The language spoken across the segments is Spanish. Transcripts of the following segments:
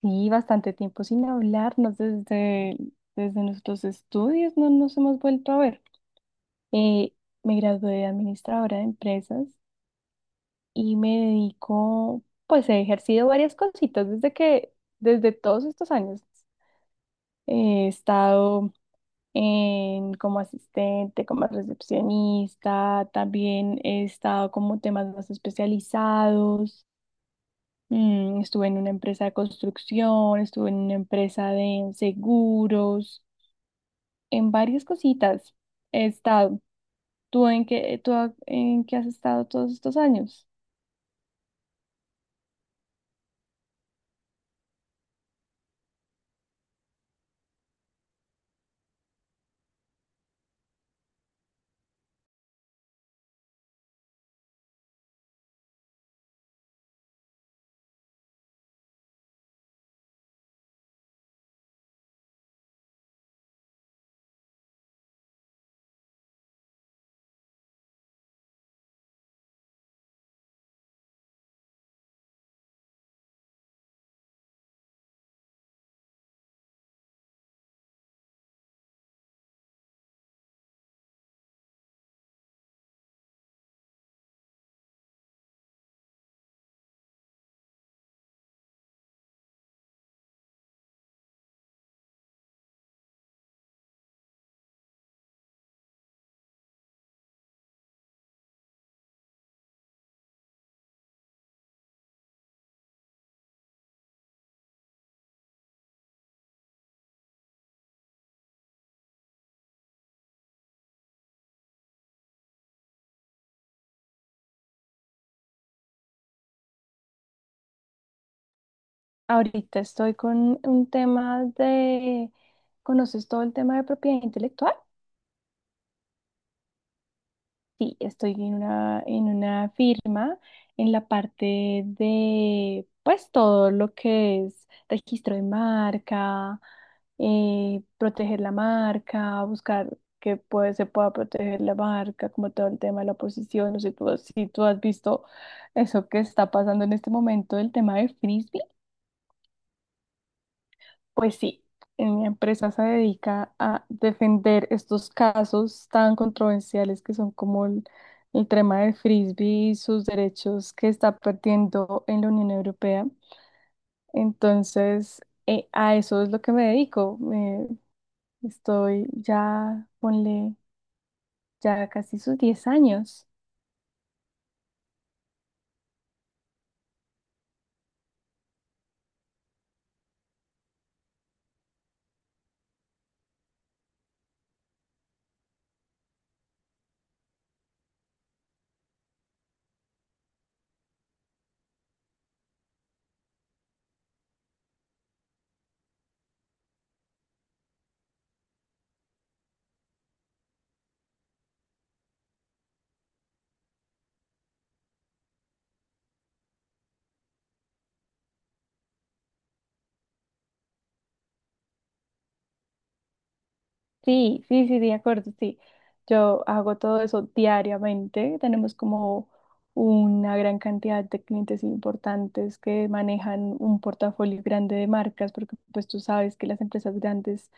Sí, bastante tiempo sin hablarnos desde nuestros estudios, no nos hemos vuelto a ver. Eh, Me gradué de administradora de empresas y me dedico, pues he ejercido varias cositas desde todos estos años. He estado como asistente, como recepcionista, también he estado como temas más especializados. Estuve en una empresa de construcción, estuve en una empresa de seguros. En varias cositas he estado. En qué has estado todos estos años? Ahorita estoy con un tema de... ¿Conoces todo el tema de propiedad intelectual? Sí, estoy en en una firma en la parte de, pues, todo lo que es registro de marca, proteger la marca, se pueda proteger la marca, como todo el tema de la posición. Si tú has visto eso que está pasando en este momento, el tema de frisbee. Pues sí, en mi empresa se dedica a defender estos casos tan controversiales que son el tema del frisbee y sus derechos que está perdiendo en la Unión Europea. Entonces, a eso es lo que me dedico. Estoy ya, ponle, ya casi sus 10 años. Sí, sí, sí, de acuerdo, sí. Yo hago todo eso diariamente. Tenemos como una gran cantidad de clientes importantes que manejan un portafolio grande de marcas, porque pues tú sabes que las empresas grandes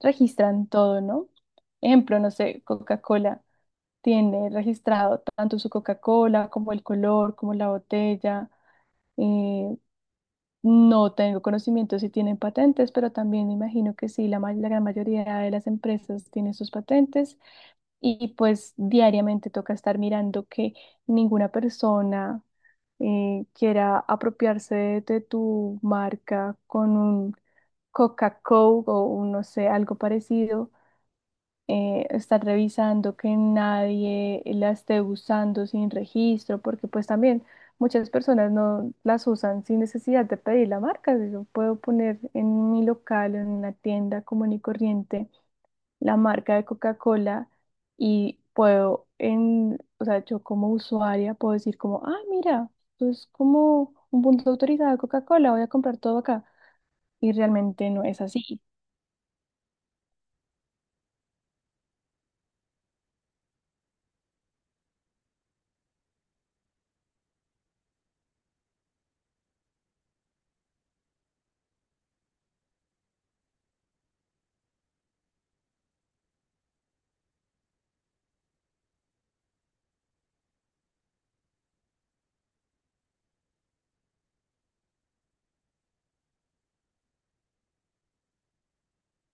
registran todo, ¿no? Ejemplo, no sé, Coca-Cola tiene registrado tanto su Coca-Cola como el color, como la botella. Eh, no tengo conocimiento si tienen patentes, pero también me imagino que sí, la gran mayoría de las empresas tiene sus patentes y pues diariamente toca estar mirando que ninguna persona quiera apropiarse de tu marca con un Coca-Cola o un, no sé, algo parecido. Estar revisando que nadie la esté usando sin registro, porque pues también muchas personas no las usan sin necesidad de pedir la marca. Yo puedo poner en mi local, en una tienda común y corriente la marca de Coca-Cola y puedo, o sea, yo como usuaria puedo decir como, ah, mira, esto es como un punto de autorizado de Coca-Cola, voy a comprar todo acá. Y realmente no es así.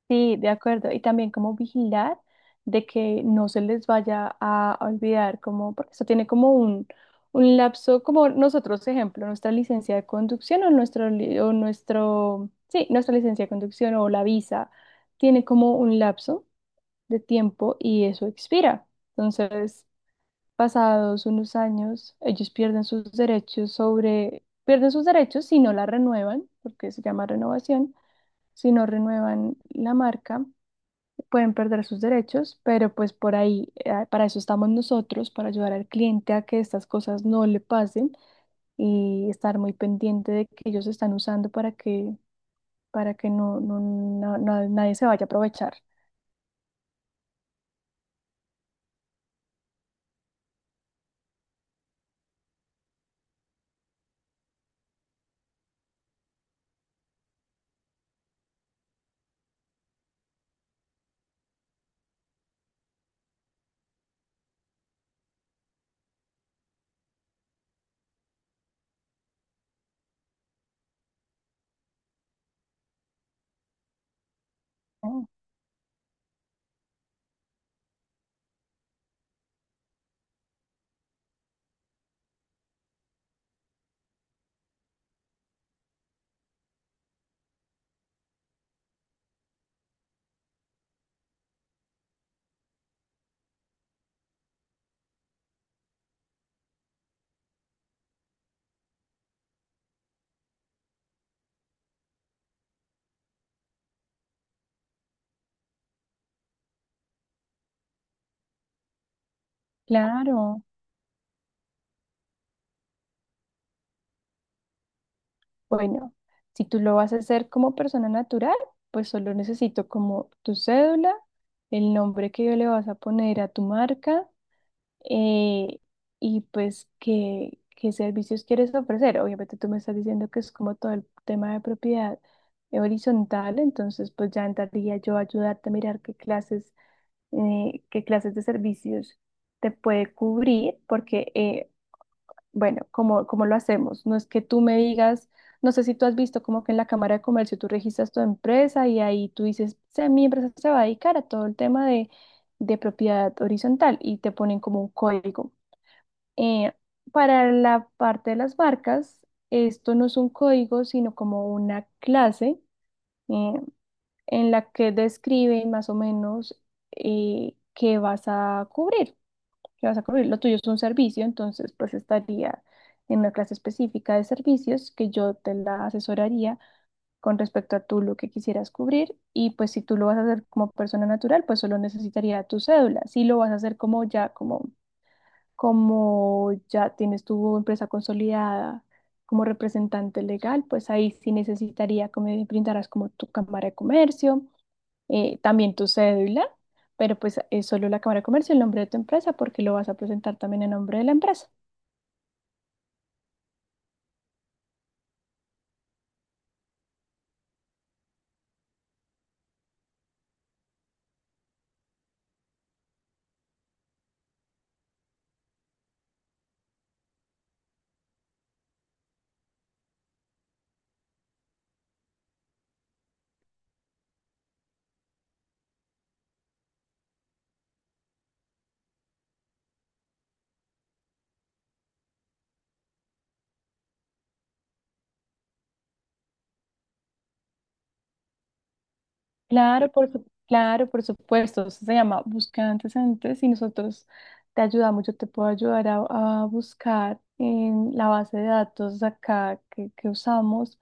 Sí, de acuerdo. Y también como vigilar de que no se les vaya a olvidar, como, porque esto tiene un lapso, como nosotros, ejemplo, nuestra licencia de conducción o nuestra licencia de conducción o la visa tiene como un lapso de tiempo y eso expira. Entonces, pasados unos años, ellos pierden sus derechos sobre, pierden sus derechos si no la renuevan, porque se llama renovación, si no renuevan la marca, pueden perder sus derechos, pero pues por ahí, para eso estamos nosotros, para ayudar al cliente a que estas cosas no le pasen y estar muy pendiente de que ellos están usando para que nadie se vaya a aprovechar. ¿No? Claro. Bueno, si tú lo vas a hacer como persona natural, pues solo necesito como tu cédula, el nombre que le vas a poner a tu marca, eh, y pues qué servicios quieres ofrecer. Obviamente tú me estás diciendo que es como todo el tema de propiedad horizontal, entonces pues ya entraría yo a ayudarte a mirar qué clases de servicios te puede cubrir, porque bueno, cómo lo hacemos? No es que tú me digas, no sé si tú has visto como que en la Cámara de Comercio tú registras tu empresa y ahí tú dices, Mi empresa se va a dedicar a todo el tema de propiedad horizontal" y te ponen como un código. Eh, para la parte de las marcas, esto no es un código, sino como una clase, eh, en la que describen más o menos, qué vas a cubrir que vas a cubrir. Lo tuyo es un servicio, entonces pues estaría en una clase específica de servicios que yo te la asesoraría con respecto a tú lo que quisieras cubrir y pues si tú lo vas a hacer como persona natural, pues solo necesitaría tu cédula. Si lo vas a hacer como ya, como ya tienes tu empresa consolidada como representante legal, pues ahí sí necesitaría que me brindaras como tu cámara de comercio, también tu cédula, pero pues es solo la cámara de comercio, el nombre de tu empresa, porque lo vas a presentar también en nombre de la empresa. Claro, claro, por supuesto, eso se llama buscar antecedentes y nosotros te ayudamos, yo te puedo ayudar a buscar en la base de datos acá que usamos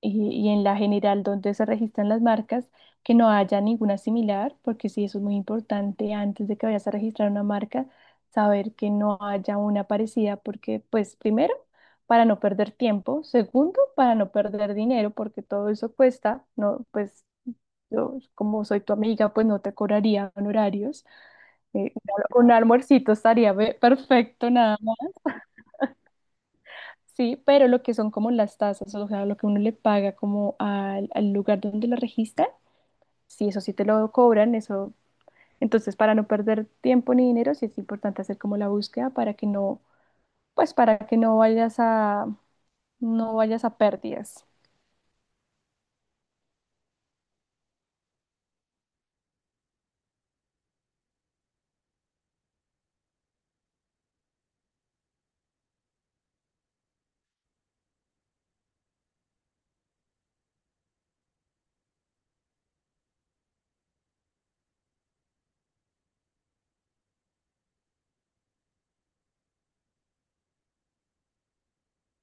y en la general donde se registran las marcas, que no haya ninguna similar, porque sí, eso es muy importante antes de que vayas a registrar una marca, saber que no haya una parecida, porque pues primero, para no perder tiempo, segundo, para no perder dinero, porque todo eso cuesta, no, pues yo como soy tu amiga, pues no te cobraría honorarios, eh, un almuercito estaría perfecto, nada más. Sí, pero lo que son como las tasas, o sea, lo que uno le paga como al lugar donde lo registra, si eso sí te lo cobran, eso. Entonces, para no perder tiempo ni dinero, sí es importante hacer como la búsqueda para que no, pues para que no vayas a, no vayas a pérdidas.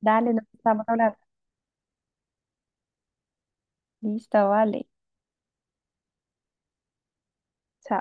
Dale, nos estamos hablando. Listo, vale. Chao.